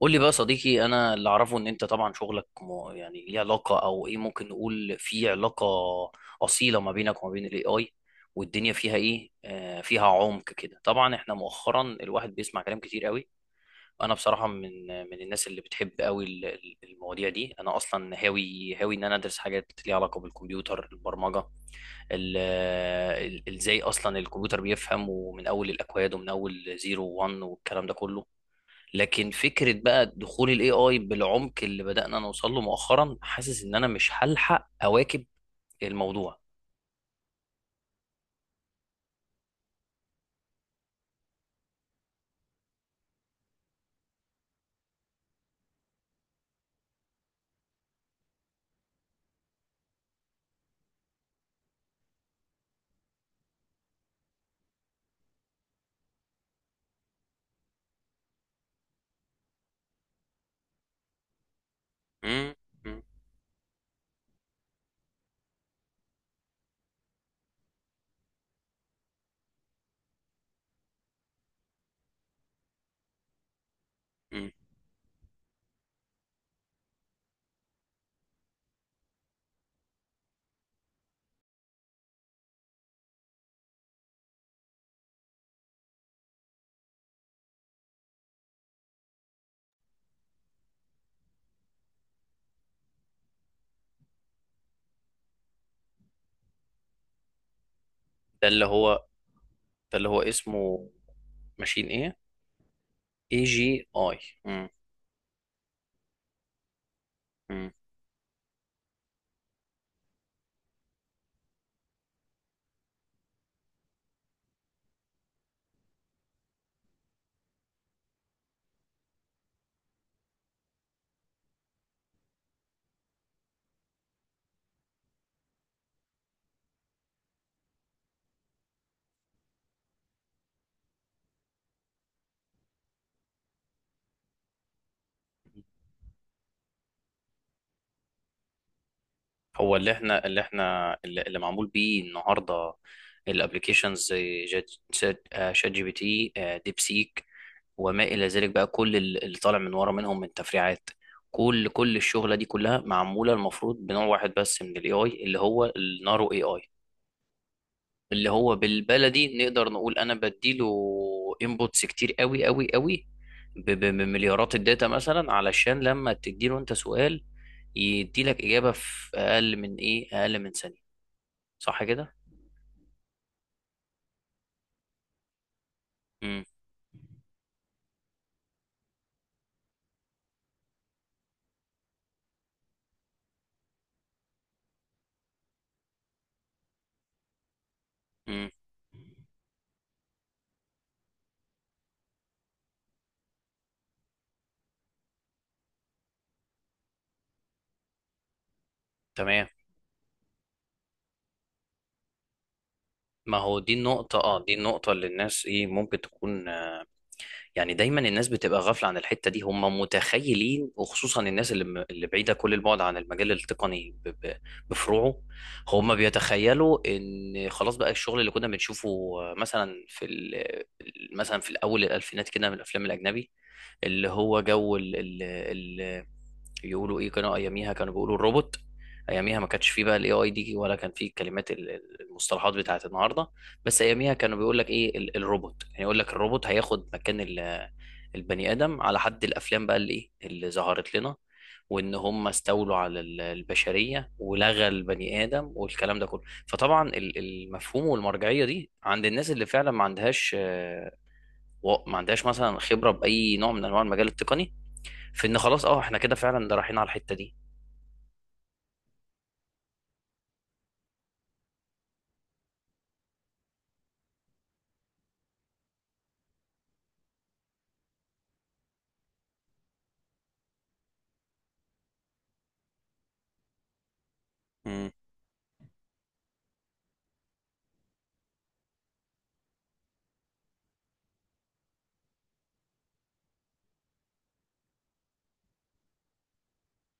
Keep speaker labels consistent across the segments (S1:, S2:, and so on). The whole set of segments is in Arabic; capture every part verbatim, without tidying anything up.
S1: قول لي بقى صديقي، انا اللي اعرفه ان انت طبعا شغلك م- يعني ليه علاقه، او ايه، ممكن نقول في علاقه اصيله ما بينك وما بين الاي اي، والدنيا فيها ايه، آه فيها عمق كده. طبعا احنا مؤخرا الواحد بيسمع كلام كتير قوي. انا بصراحه من من الناس اللي بتحب قوي ال- ال- المواضيع دي. انا اصلا هاوي هاوي ان انا ادرس حاجات ليها علاقه بالكمبيوتر، البرمجه، ال- ال- ازاي اصلا الكمبيوتر بيفهم، ومن اول الاكواد، ومن اول زيرو وان والكلام ده كله. لكن فكرة بقى دخول الاي اي بالعمق اللي بدأنا نوصل له مؤخرا، حاسس ان انا مش هلحق اواكب الموضوع. مم، مم، مم، ده اللي هو، ده اللي هو اسمه ماشين ايه؟ اي جي اي. مم، مم. هو اللي احنا، اللي احنا اللي, اللي معمول بيه النهارده، الابلكيشنز، زي جات- شات، آه، شات جي بي تي، آه، ديب سيك، وما الى ذلك بقى. كل ال- اللي طالع من ورا منهم من تفريعات، كل كل الشغله دي كلها معموله المفروض بنوع واحد بس من الاي اي، اللي هو النارو اي اي، اللي هو بالبلدي نقدر نقول انا بديله انبوتس كتير قوي قوي قوي، ب- ب- بمليارات الداتا، مثلا علشان لما تديله انت سؤال، يديلك اجابه في اقل من ايه، اقل من ثانيه. صح كده؟ امم. امم. تمام. ما هو دي النقطة، اه دي النقطة اللي الناس ايه، ممكن تكون، يعني دايما الناس بتبقى غافله عن الحته دي. هم متخيلين، وخصوصا الناس اللي م- اللي بعيده كل البعد عن المجال التقني، ب- ب- بفروعه، هم بيتخيلوا ان خلاص بقى الشغل اللي كنا بنشوفه، آه، مثلا في ال- مثلا في الاول، الالفينات كده، من الافلام الاجنبي، اللي هو جو ال- ال- يقولوا ايه، كانوا اياميها كانوا بيقولوا الروبوت. اياميها ما كانش فيه بقى الاي اي دي، ولا كان فيه كلمات ال- ال- المصطلحات بتاعت النهارده. بس اياميها كانوا بيقول لك ايه، ال- الروبوت، يعني يقول لك الروبوت هياخد مكان ال- البني ادم، على حد الافلام بقى اللي ايه، اللي ظهرت لنا، وان هم استولوا على ال- البشريه، ولغى البني ادم والكلام ده كله. فطبعا ال- المفهوم والمرجعيه دي عند الناس اللي فعلا ما عندهاش، آه، و- ما عندهاش مثلا خبره باي نوع من انواع المجال التقني، في ان خلاص اه احنا كده فعلا ده رايحين على الحته دي. مم.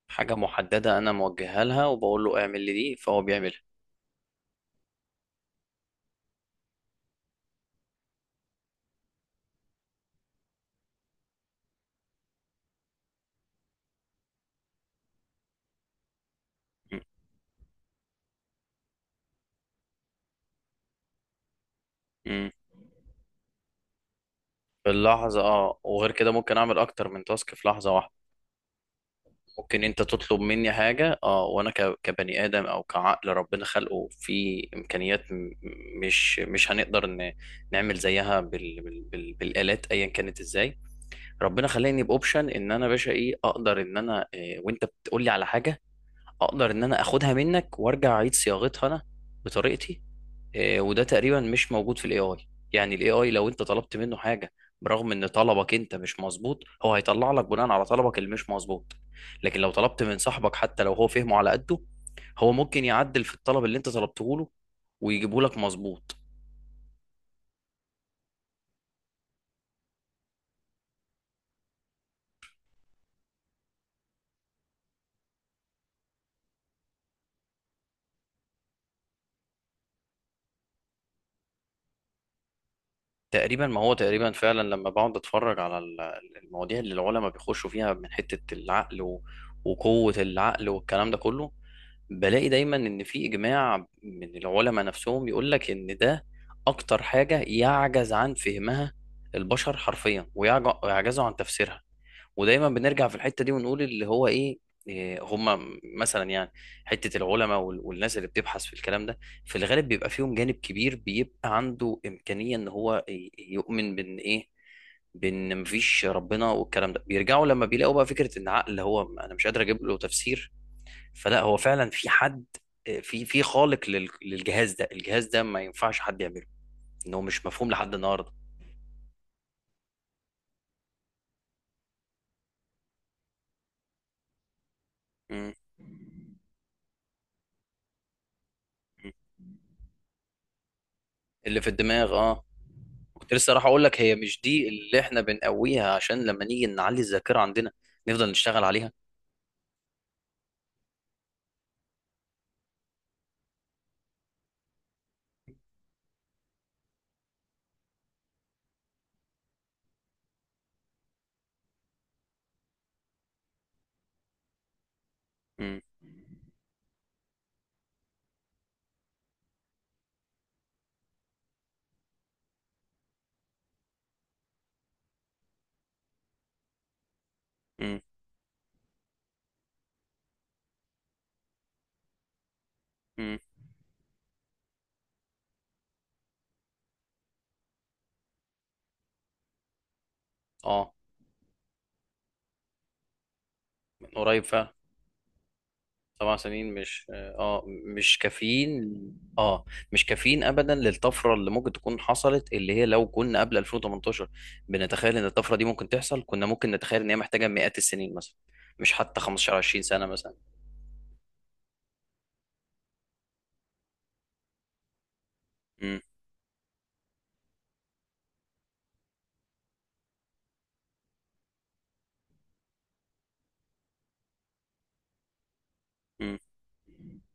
S1: حاجة محددة، أنا موجهها لها وبقول له اعمل لي دي، فهو بيعملها. مم. مم. في اللحظة، اه وغير كده ممكن أعمل أكتر من تاسك في لحظة واحدة. ممكن أنت تطلب مني حاجة، اه وأنا ك- كبني آدم أو كعقل ربنا خلقه في إمكانيات م- مش مش هنقدر ن- نعمل زيها بال... بال... بال... بالآلات أيا كانت، إزاي ربنا خلاني بأوبشن إن أنا باشا إيه، أقدر إن أنا إيه، وأنت بتقولي على حاجة أقدر إن أنا أخدها منك وأرجع أعيد صياغتها أنا بطريقتي. آه، وده تقريبا مش موجود في الاي اي. يعني الاي اي لو انت طلبت منه حاجه، برغم ان طلبك انت مش مظبوط، هو هيطلع لك بناء على طلبك اللي مش مظبوط. لكن لو طلبت من صاحبك، حتى لو هو فهمه على قده، هو ممكن يعدل في الطلب اللي انت طلبته له ويجيبه لك مظبوط. تقريبا، ما هو تقريبا فعلا لما بقعد اتفرج على ال- المواضيع اللي العلماء بيخشوا فيها من حتة العقل و- وقوة العقل والكلام ده كله، بلاقي دايما ان في اجماع من العلماء نفسهم يقول لك ان ده اكتر حاجة يعجز عن فهمها البشر حرفيا، ويعج- ويعجزوا عن تفسيرها. ودايما بنرجع في الحته دي ونقول اللي هو ايه، إيه هم مثلا، يعني حته العلماء وال- والناس اللي بتبحث في الكلام ده، في الغالب بيبقى فيهم جانب كبير بيبقى عنده امكانيه ان هو ي- يؤمن بان ايه، بان مفيش ربنا، والكلام ده بيرجعوا لما بيلاقوا بقى فكره ان عقل، هو انا مش قادر اجيب له تفسير، فلا هو فعلا في حد، آه، في في خالق لل- للجهاز ده، الجهاز ده ما ينفعش حد يعمله، ان هو مش مفهوم لحد النهارده. م- م. اللي في الدماغ اه. كنت لسه راح اقول لك، هي مش دي اللي احنا بنقويها عشان لما نيجي نعلي الذاكره عندنا نفضل نشتغل عليها؟ امم. امم. امم. اه، من قريب فعلا. سبع سنين مش اه مش كافيين. اه مش كافيين ابدا للطفره اللي ممكن تكون حصلت، اللي هي لو كنا قبل الفين وتمنتاشر بنتخيل ان الطفره دي ممكن تحصل، كنا ممكن نتخيل ان هي محتاجه مئات السنين مثلا، مش حتى خمسة عشر عشرين سنه مثلا. امم. امم.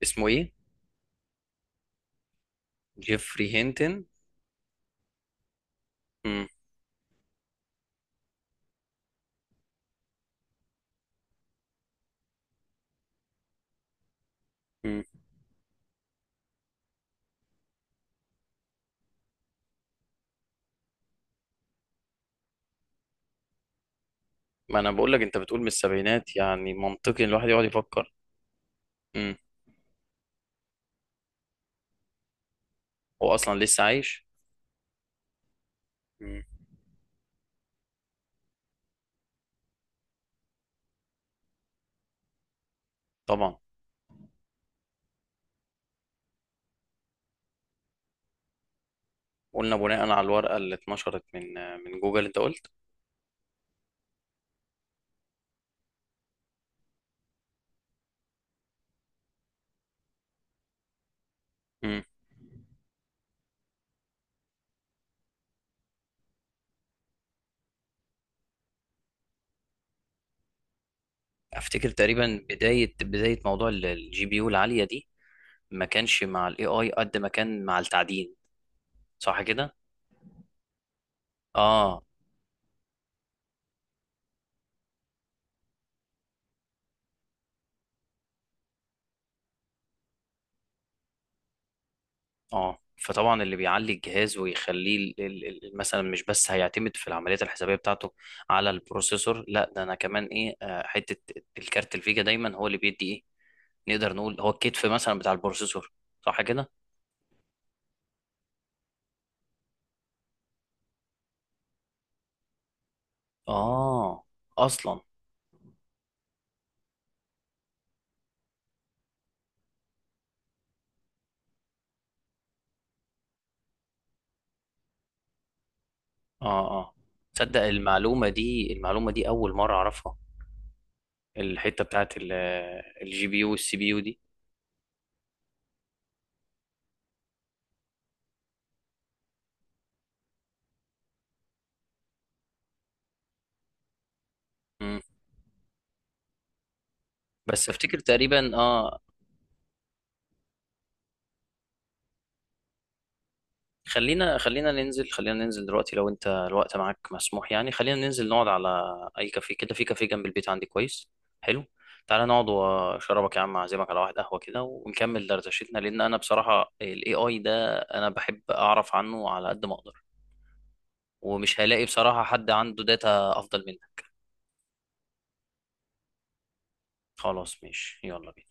S1: اسمه ايه؟ جيفري هينتن. امم. ما انا بقول لك، انت بتقول من السبعينات، يعني منطقي ان الواحد يقعد يفكر. امم. هو اصلا لسه عايش؟ امم. طبعا. قلنا بناء على الورقه اللي اتنشرت من من جوجل، انت قلت. امم. افتكر تقريبا بدايه، بدايه موضوع الجي بي يو العاليه دي، ما كانش مع الاي اي قد ما كان مع التعدين. صح كده؟ اه. اه، فطبعا اللي بيعلي الجهاز ويخليه ال- ال- ال- مثلا مش بس هيعتمد في العمليات الحسابيه بتاعته على البروسيسور، لا ده انا كمان ايه، آه، حته الكارت الفيجا دايما هو اللي بيدي ايه، نقدر نقول هو الكتف مثلا بتاع البروسيسور. صح كده؟ اه اصلا. اه. اه تصدق المعلومه دي، المعلومه دي اول مره اعرفها، الحته بتاعت الجي بي يو والسي بي يو دي. مم. بس افتكر تقريبا اه. خلينا، خلينا ننزل خلينا ننزل دلوقتي لو انت الوقت معاك مسموح، يعني خلينا ننزل نقعد على اي كافيه كده، في كافيه جنب البيت عندي كويس. حلو، تعالى نقعد واشربك يا عم، اعزمك على واحد قهوة كده ونكمل دردشتنا، لان انا بصراحة الاي اي ده انا بحب اعرف عنه على قد ما اقدر، ومش هلاقي بصراحة حد عنده داتا افضل منك. خلاص ماشي، يلا بينا.